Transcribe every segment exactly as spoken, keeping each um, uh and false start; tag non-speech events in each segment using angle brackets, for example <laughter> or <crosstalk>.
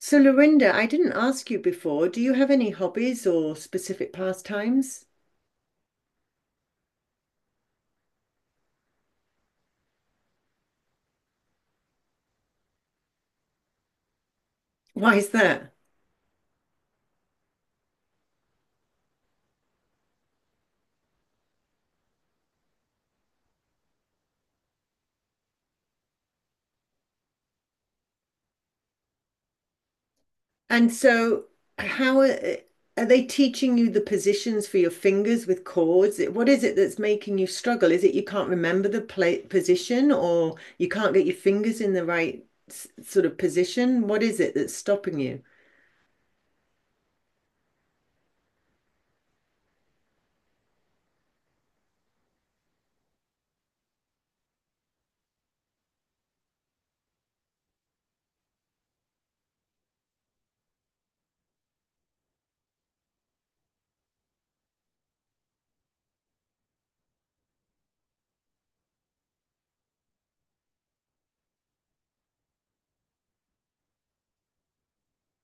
So, Lorinda, I didn't ask you before. Do you have any hobbies or specific pastimes? Why is that? And so, how are, eh, are they teaching you the positions for your fingers with chords? What is it that's making you struggle? Is it you can't remember the play, position or you can't get your fingers in the right s- sort of position? What is it that's stopping you?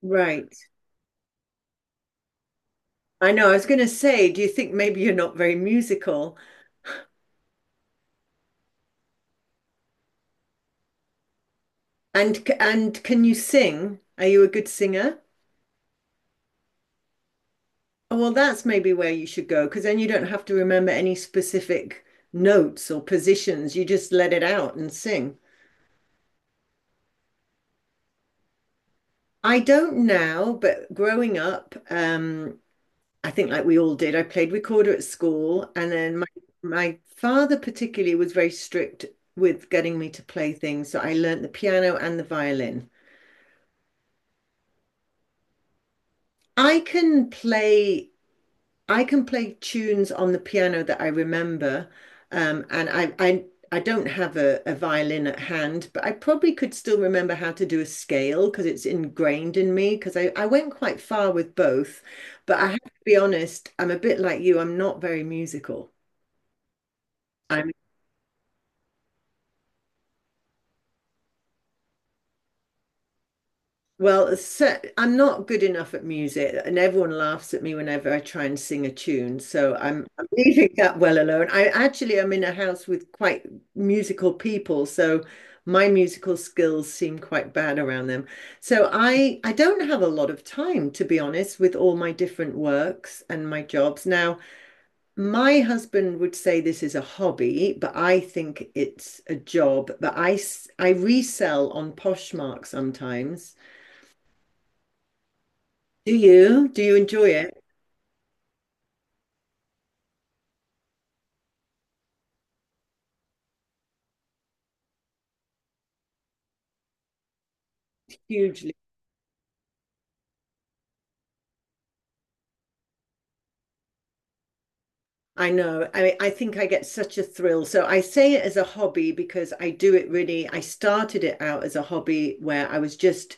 Right. I know. I was going to say, do you think maybe you're not very musical? And c- and can you sing? Are you a good singer? Oh, well, that's maybe where you should go because then you don't have to remember any specific notes or positions. You just let it out and sing. I don't now, but growing up, um, I think like we all did, I played recorder at school, and then my my father particularly was very strict with getting me to play things. So I learnt the piano and the violin. I can play I can play tunes on the piano that I remember, um, and I, I I don't have a, a violin at hand, but I probably could still remember how to do a scale because it's ingrained in me. Because I, I went quite far with both, but I have to be honest, I'm a bit like you. I'm not very musical. I'm Well, so, I'm not good enough at music, and everyone laughs at me whenever I try and sing a tune. So I'm, I'm leaving that well alone. I actually am in a house with quite musical people, so my musical skills seem quite bad around them. So I, I don't have a lot of time, to be honest, with all my different works and my jobs. Now, my husband would say this is a hobby, but I think it's a job. But I I resell on Poshmark sometimes. Do you? Do you enjoy it? Hugely. I know. I mean, I think I get such a thrill. So I say it as a hobby because I do it really. I started it out as a hobby where I was just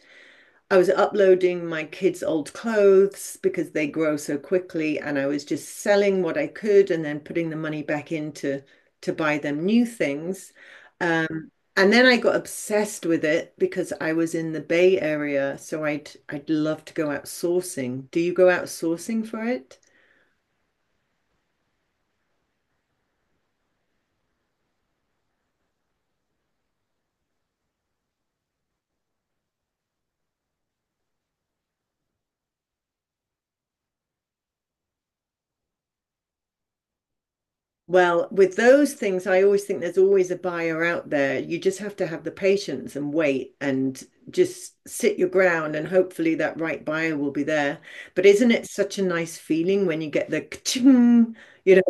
I was uploading my kids' old clothes because they grow so quickly, and I was just selling what I could and then putting the money back in to to buy them new things. Um, and then I got obsessed with it because I was in the Bay Area, so I'd I'd love to go out sourcing. Do you go out sourcing for it? Well, with those things, I always think there's always a buyer out there. You just have to have the patience and wait and just sit your ground, and hopefully that right buyer will be there. But isn't it such a nice feeling when you get the ka-ching, you know?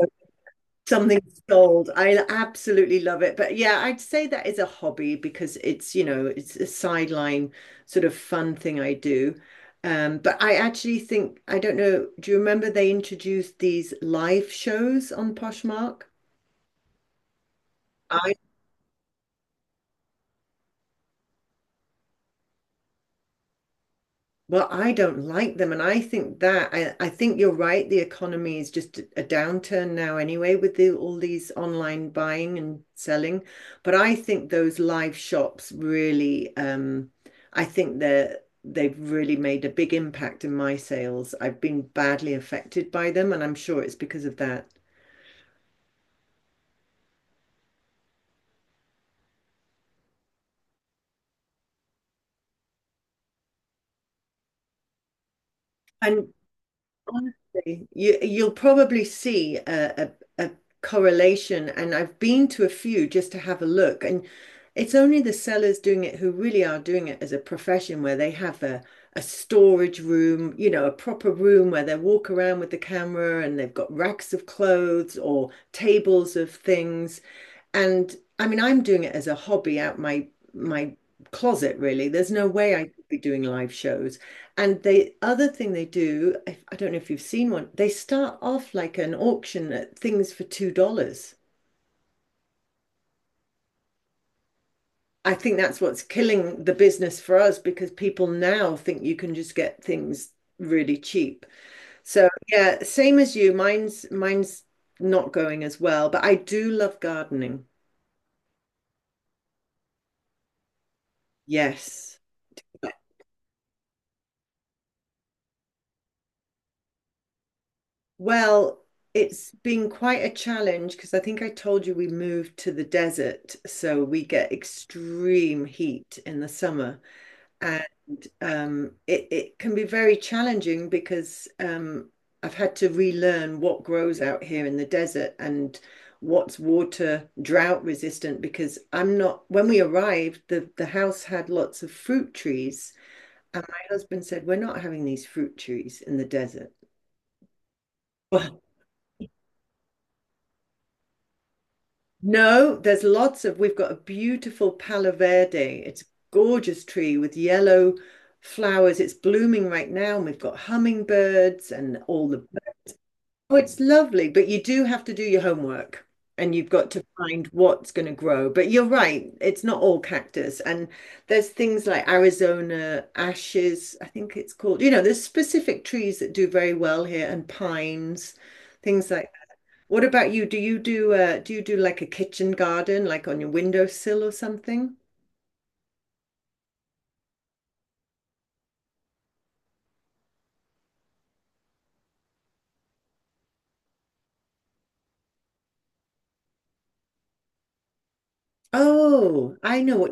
Something sold. I absolutely love it. But yeah, I'd say that is a hobby because it's, you know, it's a sideline sort of fun thing I do. Um, but I actually think, I don't know, do you remember they introduced these live shows on Poshmark? Well, I don't like them, and I think that I, I think you're right. The economy is just a downturn now anyway with the, all these online buying and selling. But I think those live shops really, um, I think they're they've really made a big impact in my sales. I've been badly affected by them, and I'm sure it's because of that. And honestly, you you'll probably see a, a a correlation, and I've been to a few just to have a look, and it's only the sellers doing it who really are doing it as a profession, where they have a a storage room, you know, a proper room where they walk around with the camera and they've got racks of clothes or tables of things. And I mean, I'm doing it as a hobby out my my closet, really. There's no way I could be doing live shows. And the other thing they do, I don't know if you've seen one, they start off like an auction at things for two dollars. I think that's what's killing the business for us because people now think you can just get things really cheap. So yeah, same as you. Mine's mine's not going as well, but I do love gardening. Yes. Well, it's been quite a challenge because I think I told you we moved to the desert, so we get extreme heat in the summer. And um, it, it can be very challenging because um, I've had to relearn what grows out here in the desert and what's water drought resistant because I'm not, when we arrived, the, the house had lots of fruit trees. And my husband said, We're not having these fruit trees in the desert. Well, no, there's lots of, we've got a beautiful Palo Verde. It's a gorgeous tree with yellow flowers. It's blooming right now. And we've got hummingbirds and all the Oh, it's lovely, but you do have to do your homework and you've got to find what's going to grow. But you're right, it's not all cactus. And there's things like Arizona ashes, I think it's called. You know, there's specific trees that do very well here and pines, things like that. What about you? Do you do uh, do you do like a kitchen garden, like on your windowsill or something? Oh, I know what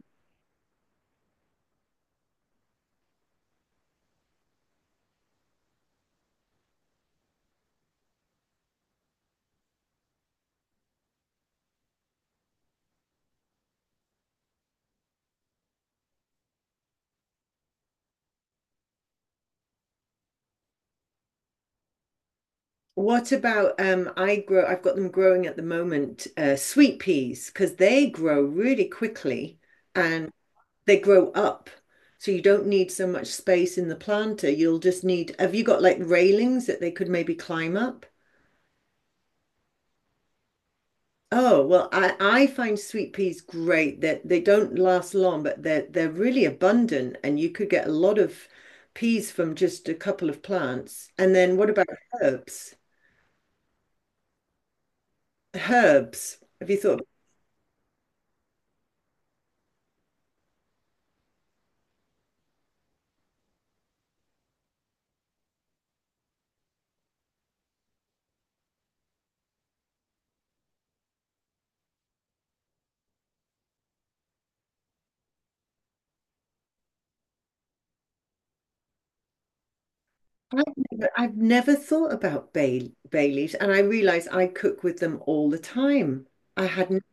What about um I grow I've got them growing at the moment, uh, sweet peas because they grow really quickly and they grow up. So you don't need so much space in the planter. You'll just need Have you got like railings that they could maybe climb up? Oh, well I I find sweet peas great that they don't last long but they're they're really abundant and you could get a lot of peas from just a couple of plants. And then what about herbs? Herbs. Have you thought I've never, I've never thought about bay bay leaves, and I realize I cook with them all the time. I hadn't.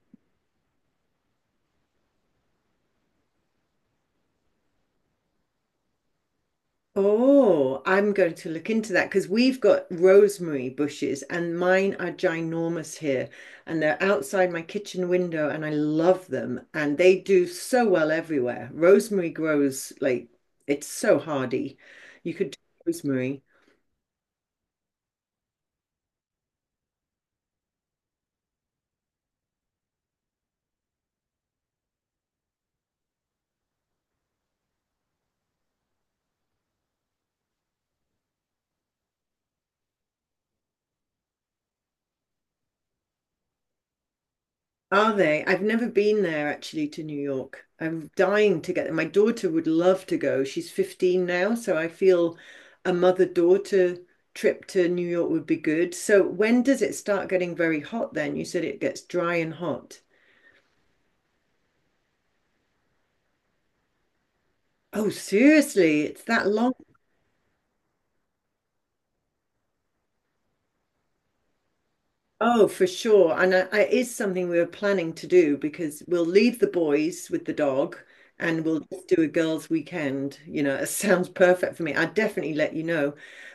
Oh, I'm going to look into that because we've got rosemary bushes, and mine are ginormous here, and they're outside my kitchen window, and I love them, and they do so well everywhere. Rosemary grows like it's so hardy. You could do rosemary. Are they? I've never been there actually to New York. I'm dying to get there. My daughter would love to go. She's fifteen now, so I feel a mother-daughter trip to New York would be good. So when does it start getting very hot then? You said it gets dry and hot. Oh, seriously, it's that long. Oh, for sure. And I, I, it is something we were planning to do because we'll leave the boys with the dog and we'll just do a girls' weekend. You know, <laughs> it sounds perfect for me. I'd definitely let you know.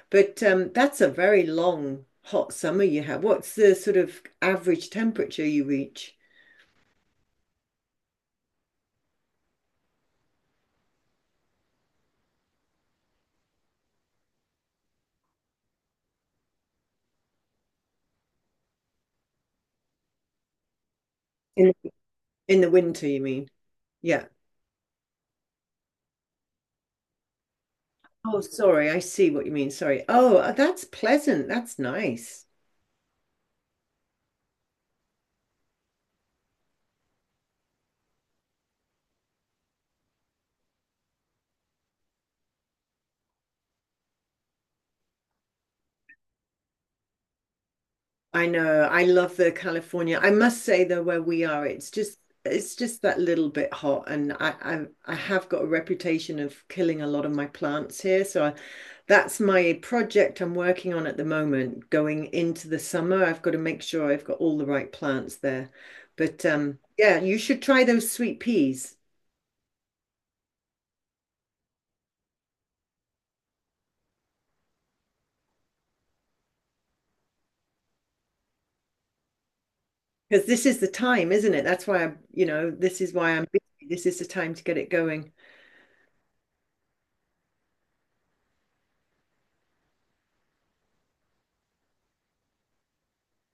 But um, that's a very long, hot summer you have. What's the sort of average temperature you reach In- in the winter, you mean? Yeah. Oh, sorry. I see what you mean. Sorry. Oh, that's pleasant. That's nice. I know. I love the California. I must say though, where we are, it's just it's just that little bit hot, and I I, I have got a reputation of killing a lot of my plants here. So I, that's my project I'm working on at the moment. Going into the summer, I've got to make sure I've got all the right plants there. But um, yeah, you should try those sweet peas because this is the time, isn't it? That's why I you know, This is why I'm busy. This is the time to get it going.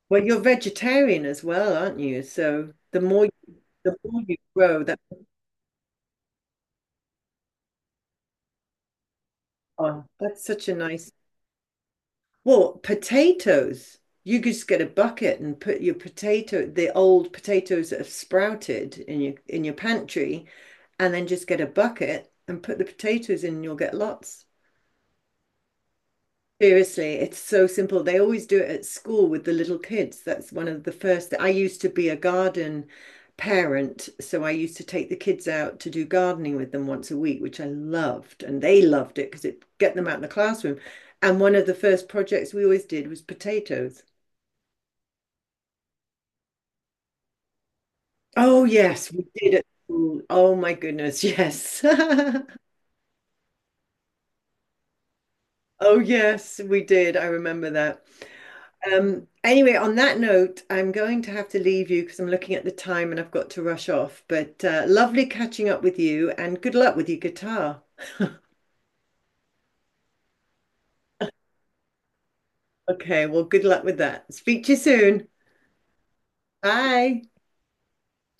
Well, you're vegetarian as well, aren't you? So the more the more you grow that oh that's such a nice well, potatoes, you could just get a bucket and put your potato the old potatoes that have sprouted in your in your pantry and then just get a bucket and put the potatoes in and you'll get lots. Seriously, it's so simple. They always do it at school with the little kids. That's one of the first. I used to be a garden parent, so I used to take the kids out to do gardening with them once a week, which I loved, and they loved it because it get them out in the classroom. And one of the first projects we always did was potatoes. Oh yes, we did at school. Oh my goodness, yes. <laughs> Oh yes, we did. I remember that. Um, anyway, on that note, I'm going to have to leave you because I'm looking at the time and I've got to rush off. But uh, lovely catching up with you and good luck with your guitar. Okay, well, good luck with that. Speak to you soon. Bye.